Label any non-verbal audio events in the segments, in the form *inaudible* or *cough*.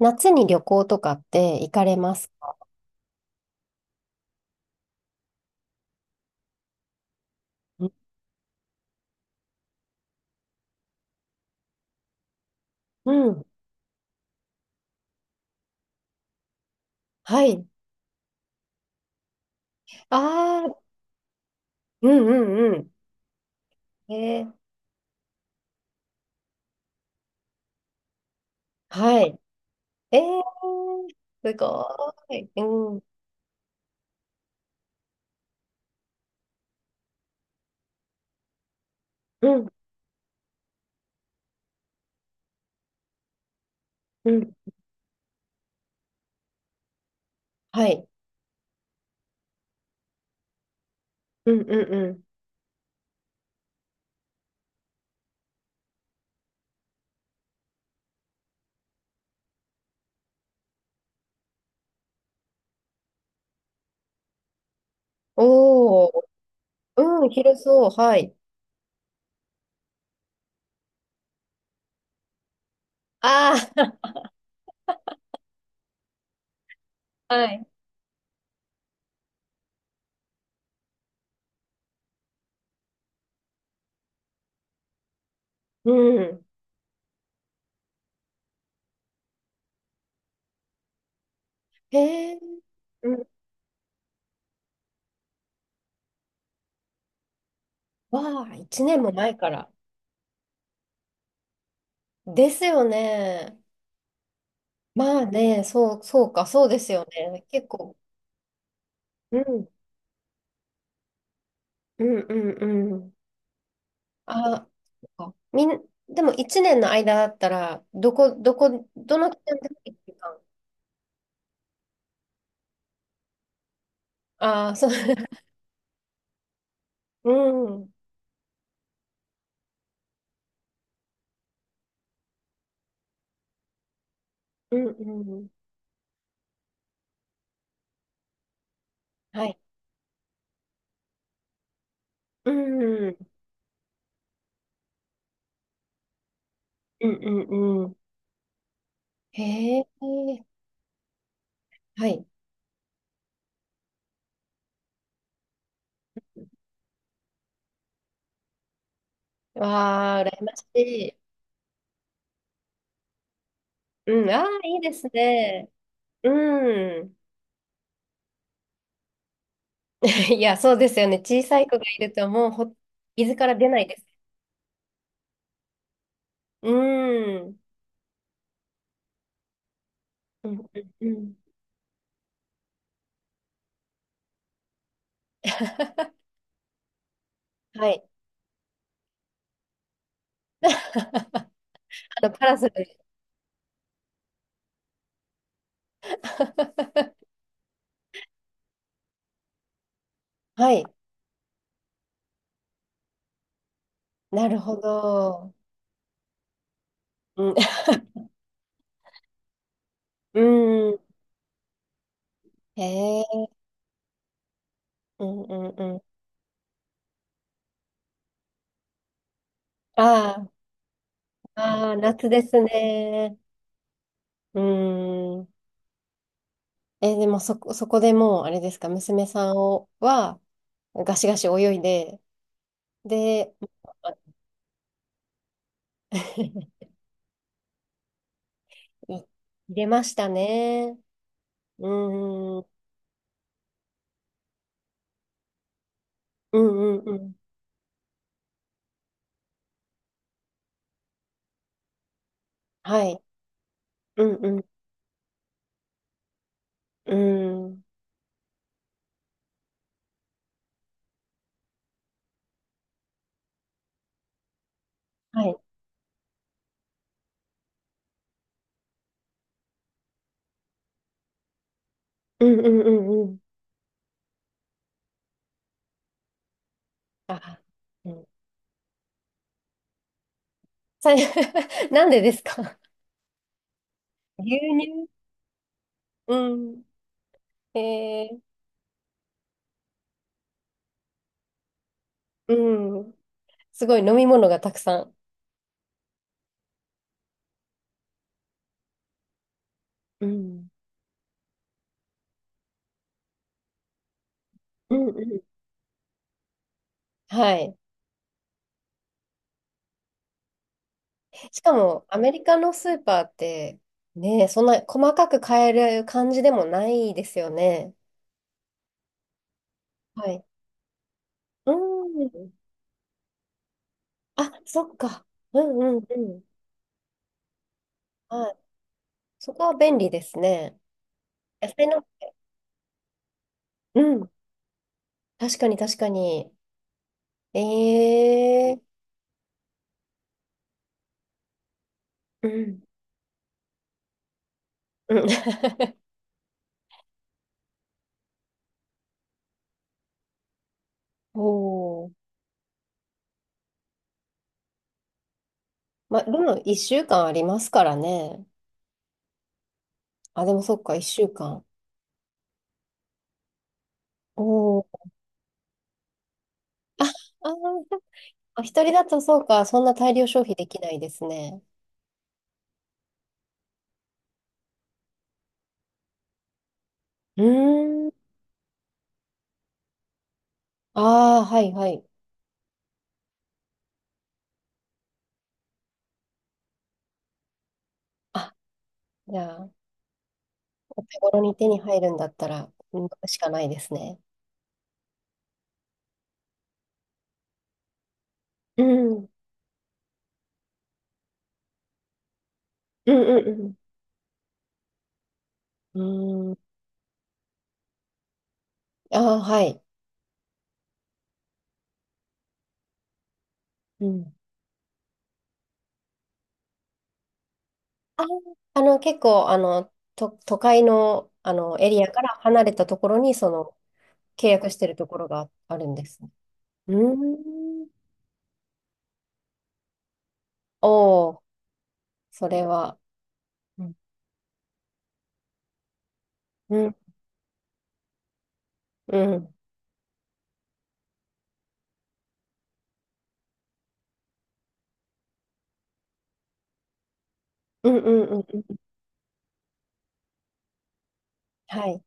夏に旅行とかって行かれますか？うん、はい。ああ、うんうんうん。はい。えー、すごい。うん、うん、うん、はい。うんうんうん。おお、うんうんうんおー。うん広そう。はい。ああ、*laughs* はい。うん。へえ、うん。わあ、一年も前から。ですよね。まあね、そう、そうか、そうですよね。結構。うん、うん、うん、うん。あ、そっかみん、でも一年の間だったら、どの期間でも一週間。ああ、そう。*laughs* うん。うんうんうん。はい。うん。うんうんうん。へえ。はい。わあ、羨ましい。うん。ああ、いいですね。うん。*laughs* いや、そうですよね。小さい子がいると、もうほ、伊豆から出ないです。うん。うんうんうん。*laughs* はい。*laughs* あパラソル。*laughs* はい。なるほど。うん。*laughs* うん。へえ。うんうんうん。ああ、ああ、夏ですね。うん。え、でもそこ、そこでもう、あれですか、娘さんをは、ガシガシ泳いで、で、*laughs* い入れましたね。うん。うんうんうん。はい。うんうん。うん。はい。うんうんうんうん。あ、うん。さい *laughs* なんでですか？ *laughs* 牛乳うん。えー、うん。すごい飲み物がたくさん。うん。うんうん。はい。しかも、アメリカのスーパーって、ね、そんな細かく買える感じでもないですよね。はい。うん。あ、そっか。うんうんうん。はい。そこは便利ですね。野菜の、うん。確かに確かに。えー。うん。うん。*laughs* おお。*laughs* まあ、でも1週間ありますからね。あ、でもそっか、一週間。おお。あー、あ一人だとそうか、そんな大量消費できないですね。うーん。ああ、はいはい。あ、じゃあ、お手頃に手に入るんだったら、うんしかないですね。うん。うんうんうん。うーん。ああ、はい。うん。あー、あの、結構、都会の、エリアから離れたところに、その、契約してるところがあるんですね。うーん。おお、それは。うんうん。うんうんうんうん。はい。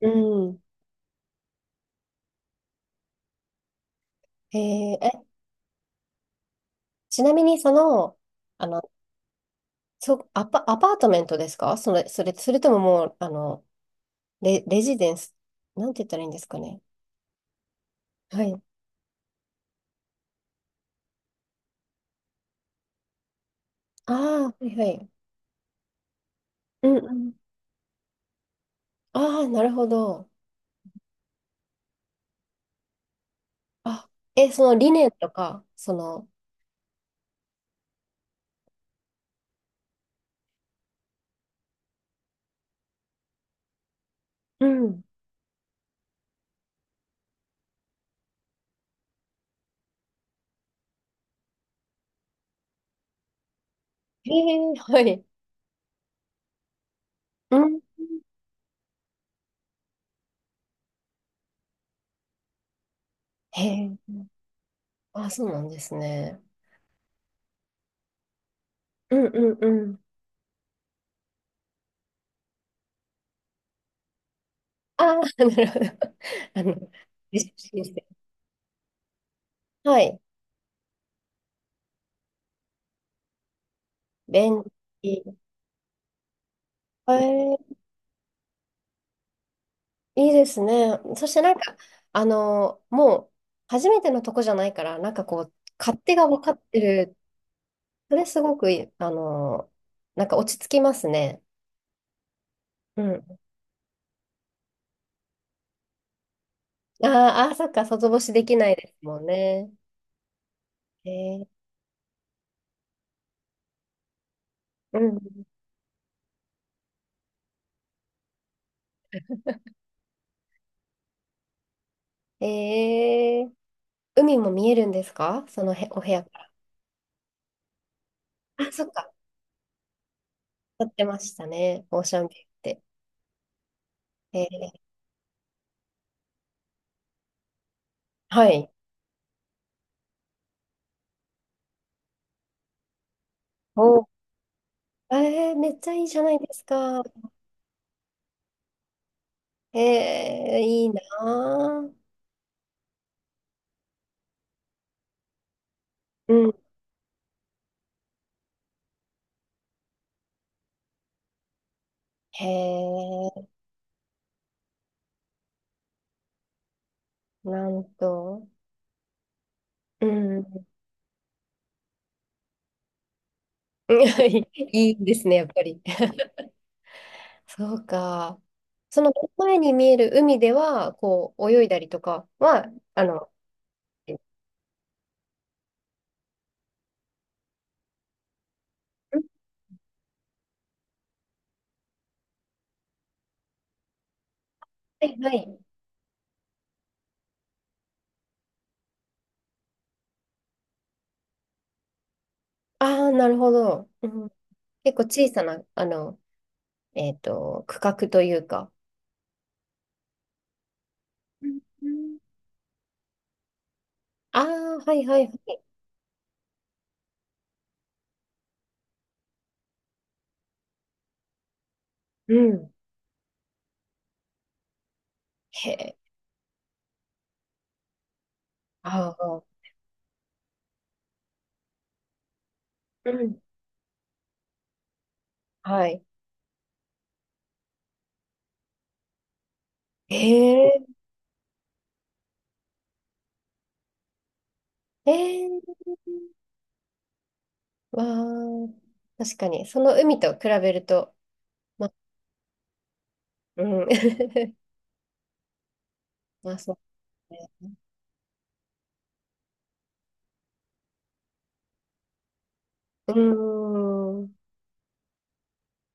うん。えーえ、ちなみにその、あの、アパートメントですかそれ、とももう、レジデンス、なんて言ったらいいんですかね。はい。ああ、はいはい。うんうん。ああ、なるほど。あ、え、その理念とか、その、うん。へえ、はい。うん。へえ、あ、そうなんですね。うんうんうん。ああ、なるほど。*laughs* あの、レジデンスはい。便利。えー、いいですね。そしてなんか、あの、もう、初めてのとこじゃないから、なんかこう、勝手が分かってる。それすごくいい、あの、なんか落ち着きますね。うん。あーあー、そっか、外干しできないですもんね。えー、うん。えー、海も見えるんですかそのへ、お部屋から。あ、そっか、撮ってましたね。オーシャンビューって。えー、はい。お、えー、めっちゃいいじゃないですか。へえ、いいなぁ。うん、へえ、なんと。うん。*laughs* いいですね、やっぱり。そうか。その前に見える海では、こう、泳いだりとかは、あの、うんはいはい。ああ、なるほど。うん、結構小さな、あの、えっと、区画というか。うんああー、はいはいはい。うん。へえ。ああ、うん。はい。へえ。へえ。わー、確かに、その海と比べると、まあ、うん。*laughs* まあ、そうね。うーん。